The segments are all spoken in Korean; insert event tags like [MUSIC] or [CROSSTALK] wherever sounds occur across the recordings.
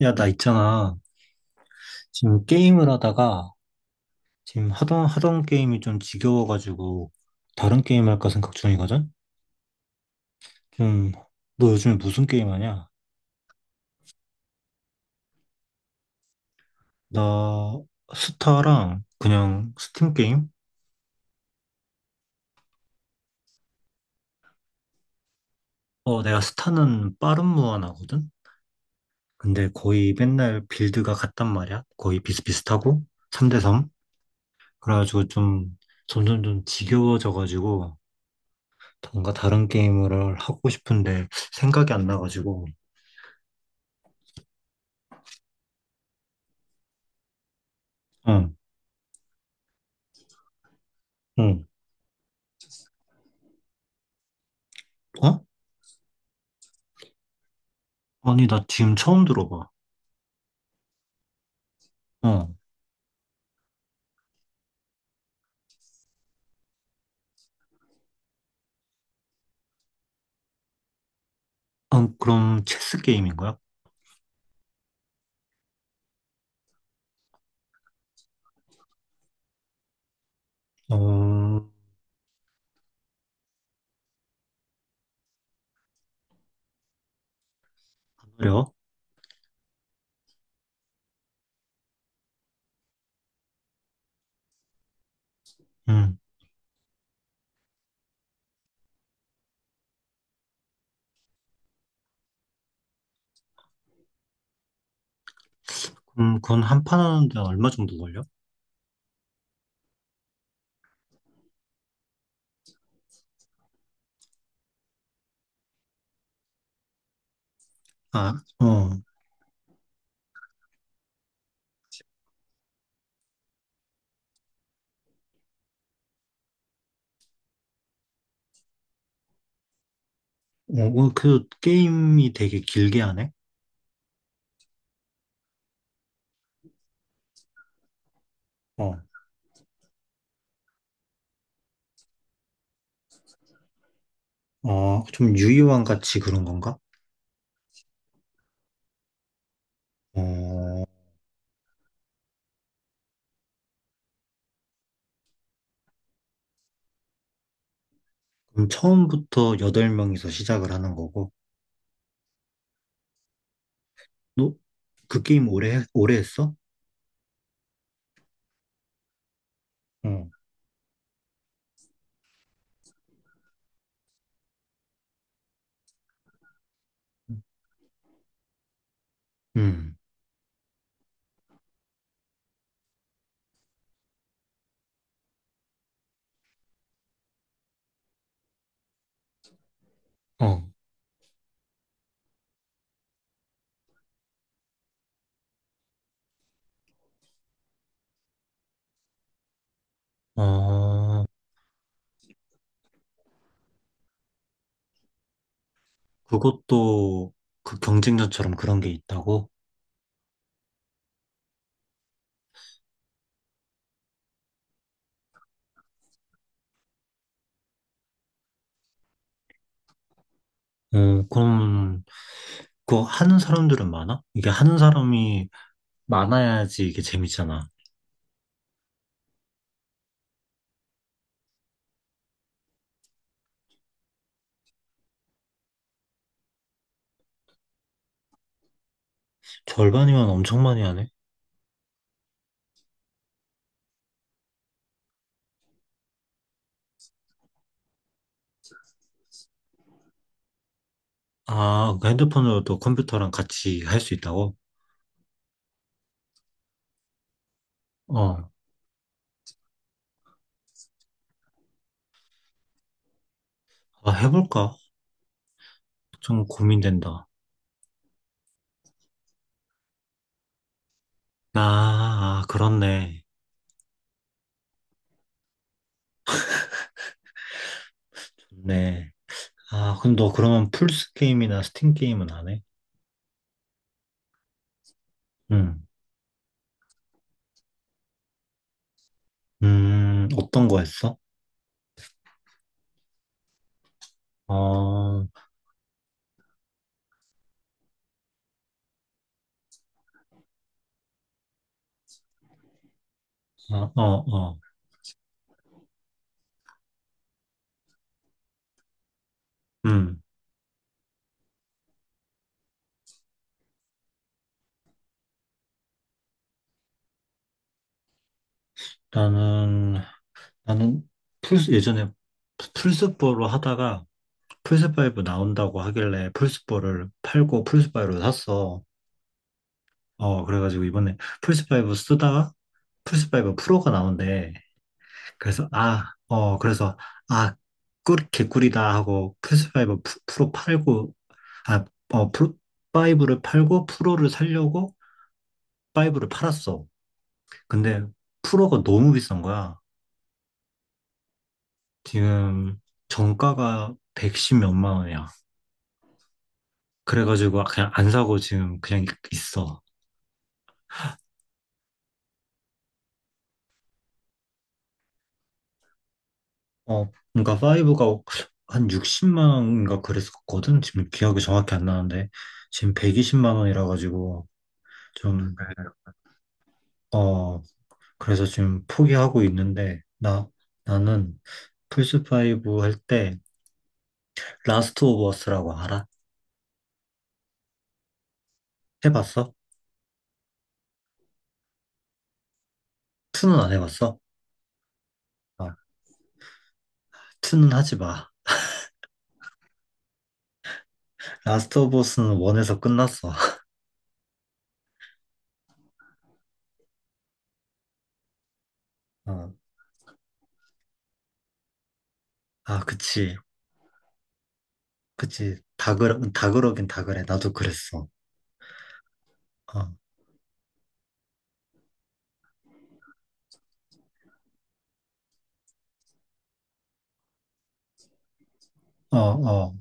야, 나 있잖아. 지금 게임을 하다가 지금 하던 게임이 좀 지겨워가지고 다른 게임 할까 생각 중이거든. 좀, 너 요즘에 무슨 게임 하냐? 나 스타랑 그냥 스팀 게임? 어, 내가 스타는 빠른 무한하거든. 근데 거의 맨날 빌드가 같단 말이야. 거의 비슷비슷하고 3대 3. 그래가지고 좀, 점점 좀 지겨워져가지고 뭔가 다른 게임을 하고 싶은데 생각이 안 나가지고. 응, 응. 어? 아니, 나 지금 처음 들어봐. 어. 아, 그럼 체스 게임인 거야? 어, 그래요? 음. 그럼 그건 한 판 하는데 얼마 정도 걸려? 아, 어. 어, 어, 그 게임이 되게 길게 하네? 어. 어, 좀 유희왕 같이 그런 건가? 어, 그럼 처음부터 여덟 명이서 시작을 하는 거고. 너 그 게임 오래 했어? 어. 음. 어. 어, 그것도 그 경쟁전처럼 그런 게 있다고? 어, 그럼 그거 하는 사람들은 많아? 이게 하는 사람이 많아야지 이게 재밌잖아. 절반이면 엄청 많이 하네? 아, 그 핸드폰으로도 컴퓨터랑 같이 할 수 있다고? 어, 아, 해볼까? 좀 고민된다. 아, 아, 그렇네. 좋네. 아, 그럼 너 그러면 플스 게임이나 스팀 게임은 안 해? 응. 어떤 거 했어? 어, 어, 어, 어. 음, 나는, 나는 플스 예전에 플스포로 하다가 플스5 나온다고 하길래 플스4를 팔고 플스5로 샀어. 어, 그래가지고 이번에 플스5 쓰다가 플스5 프로가 나온대. 그래서, 아, 어, 그래서, 아, 꿀, 개꿀이다 하고 플스5 프로 팔고, 아, 어, 프로, 5를 팔고 프로를 살려고 파이브를 팔았어. 근데 프로가 너무 비싼 거야. 지금 정가가 110 몇만 원이야. 그래가지고 그냥 안 사고 지금 그냥 있어. 어, 그러니까 5가 한 60만 원인가 그랬었거든. 지금 기억이 정확히 안 나는데 지금 120만 원이라 가지고 좀, 어, 그래서 지금 포기하고 있는데 나 나는 플스 5 할 때 라스트 오브 어스라고 알아? 해봤어? 2는 안 해봤어? 아, 2는 하지 마. 라스트 오브 어스는 1에서 끝났어. [LAUGHS] 어, 아, 그치. 그치. 다 그러긴 다 그래. 나도 그랬어. 어, 어, 어.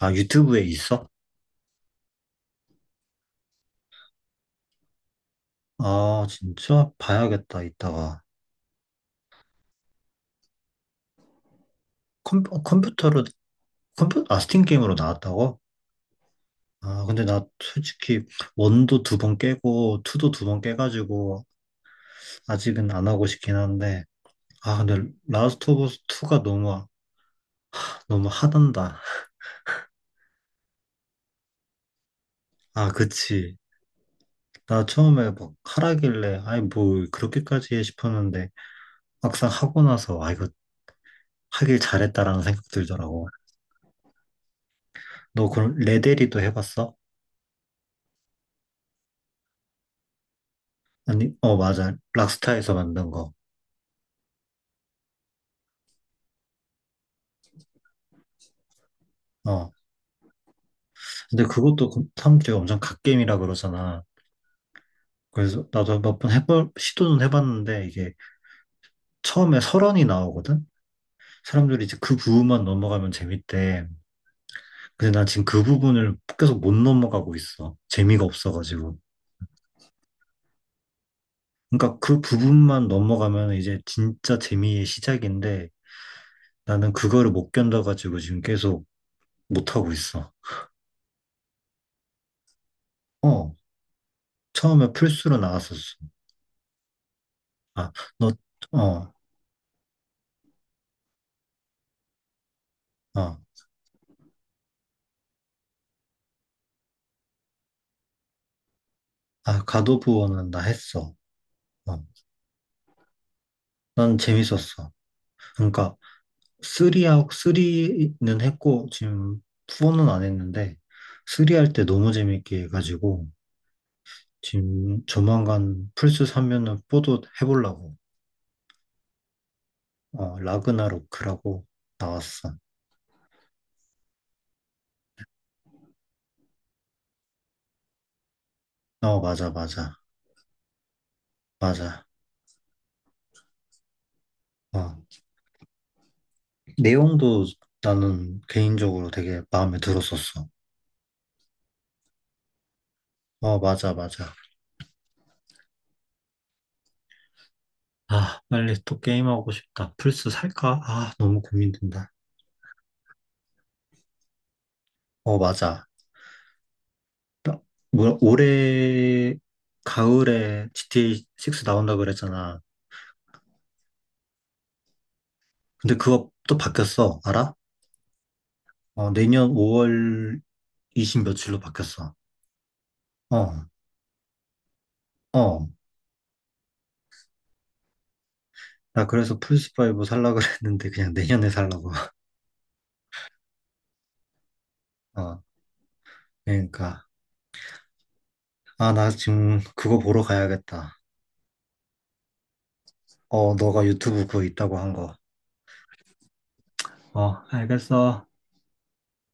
아, 유튜브에 있어? 아, 진짜? 봐야겠다, 이따가. 컴, 어, 컴퓨터로, 컴퓨, 아, 스팀 게임으로 나왔다고? 아, 근데 나 솔직히 원도 두 번 깨고, 투도 두 번 깨가지고, 아직은 안 하고 싶긴 한데, 아, 근데 라스트 오브 스 2가 너무, 너무 하단다. 아, 그치. 나 처음에 막 하라길래, 아이, 뭐, 그렇게까지 해 싶었는데, 막상 하고 나서, 아, 이거 하길 잘했다라는 생각 들더라고. 너 그럼 레데리도 해봤어? 아니, 어, 맞아. 락스타에서 만든 거. 어. 근데 그것도 그 사람들이 엄청 갓겜이라 그러잖아. 그래서 나도 몇 번 시도는 해봤는데 이게 처음에 설원이 나오거든? 사람들이 이제 그 부분만 넘어가면 재밌대. 근데 난 지금 그 부분을 계속 못 넘어가고 있어. 재미가 없어가지고. 그러니까 그 부분만 넘어가면 이제 진짜 재미의 시작인데 나는 그거를 못 견뎌가지고 지금 계속 못하고 있어. 어, 처음에 플스로 나왔었어. 아, 너, 어, 어. 아, 가도부어는나 했어. 어. 난 재밌었어. 그러니까 3하고 리는 했고 지금 4는 안 했는데 3 할 때 너무 재밌게 해가지고 지금 조만간 플스 사면은 4도 해보려고. 어, 라그나로크라고 나왔어. 어, 맞아, 맞아, 맞아. 어, 내용도 나는 개인적으로 되게 마음에 들었었어. 어, 맞아, 맞아. 아, 빨리 또 게임하고 싶다. 플스 살까? 아, 너무 고민된다. 어, 맞아. 나- 뭐 올해 가을에 GTA 6 나온다 그랬잖아. 근데 그거 또 바뀌었어. 알아? 어, 내년 5월 20 며칠로 바뀌었어. 어, 어. 나 그래서 플스5 살라 [LAUGHS] 그랬는데 그냥 내년에 살라고. [LAUGHS] 어, 그러니까. 아, 나 지금 그거 보러 가야겠다. 어, 너가 유튜브 그거 있다고 한 거. 어, 알겠어.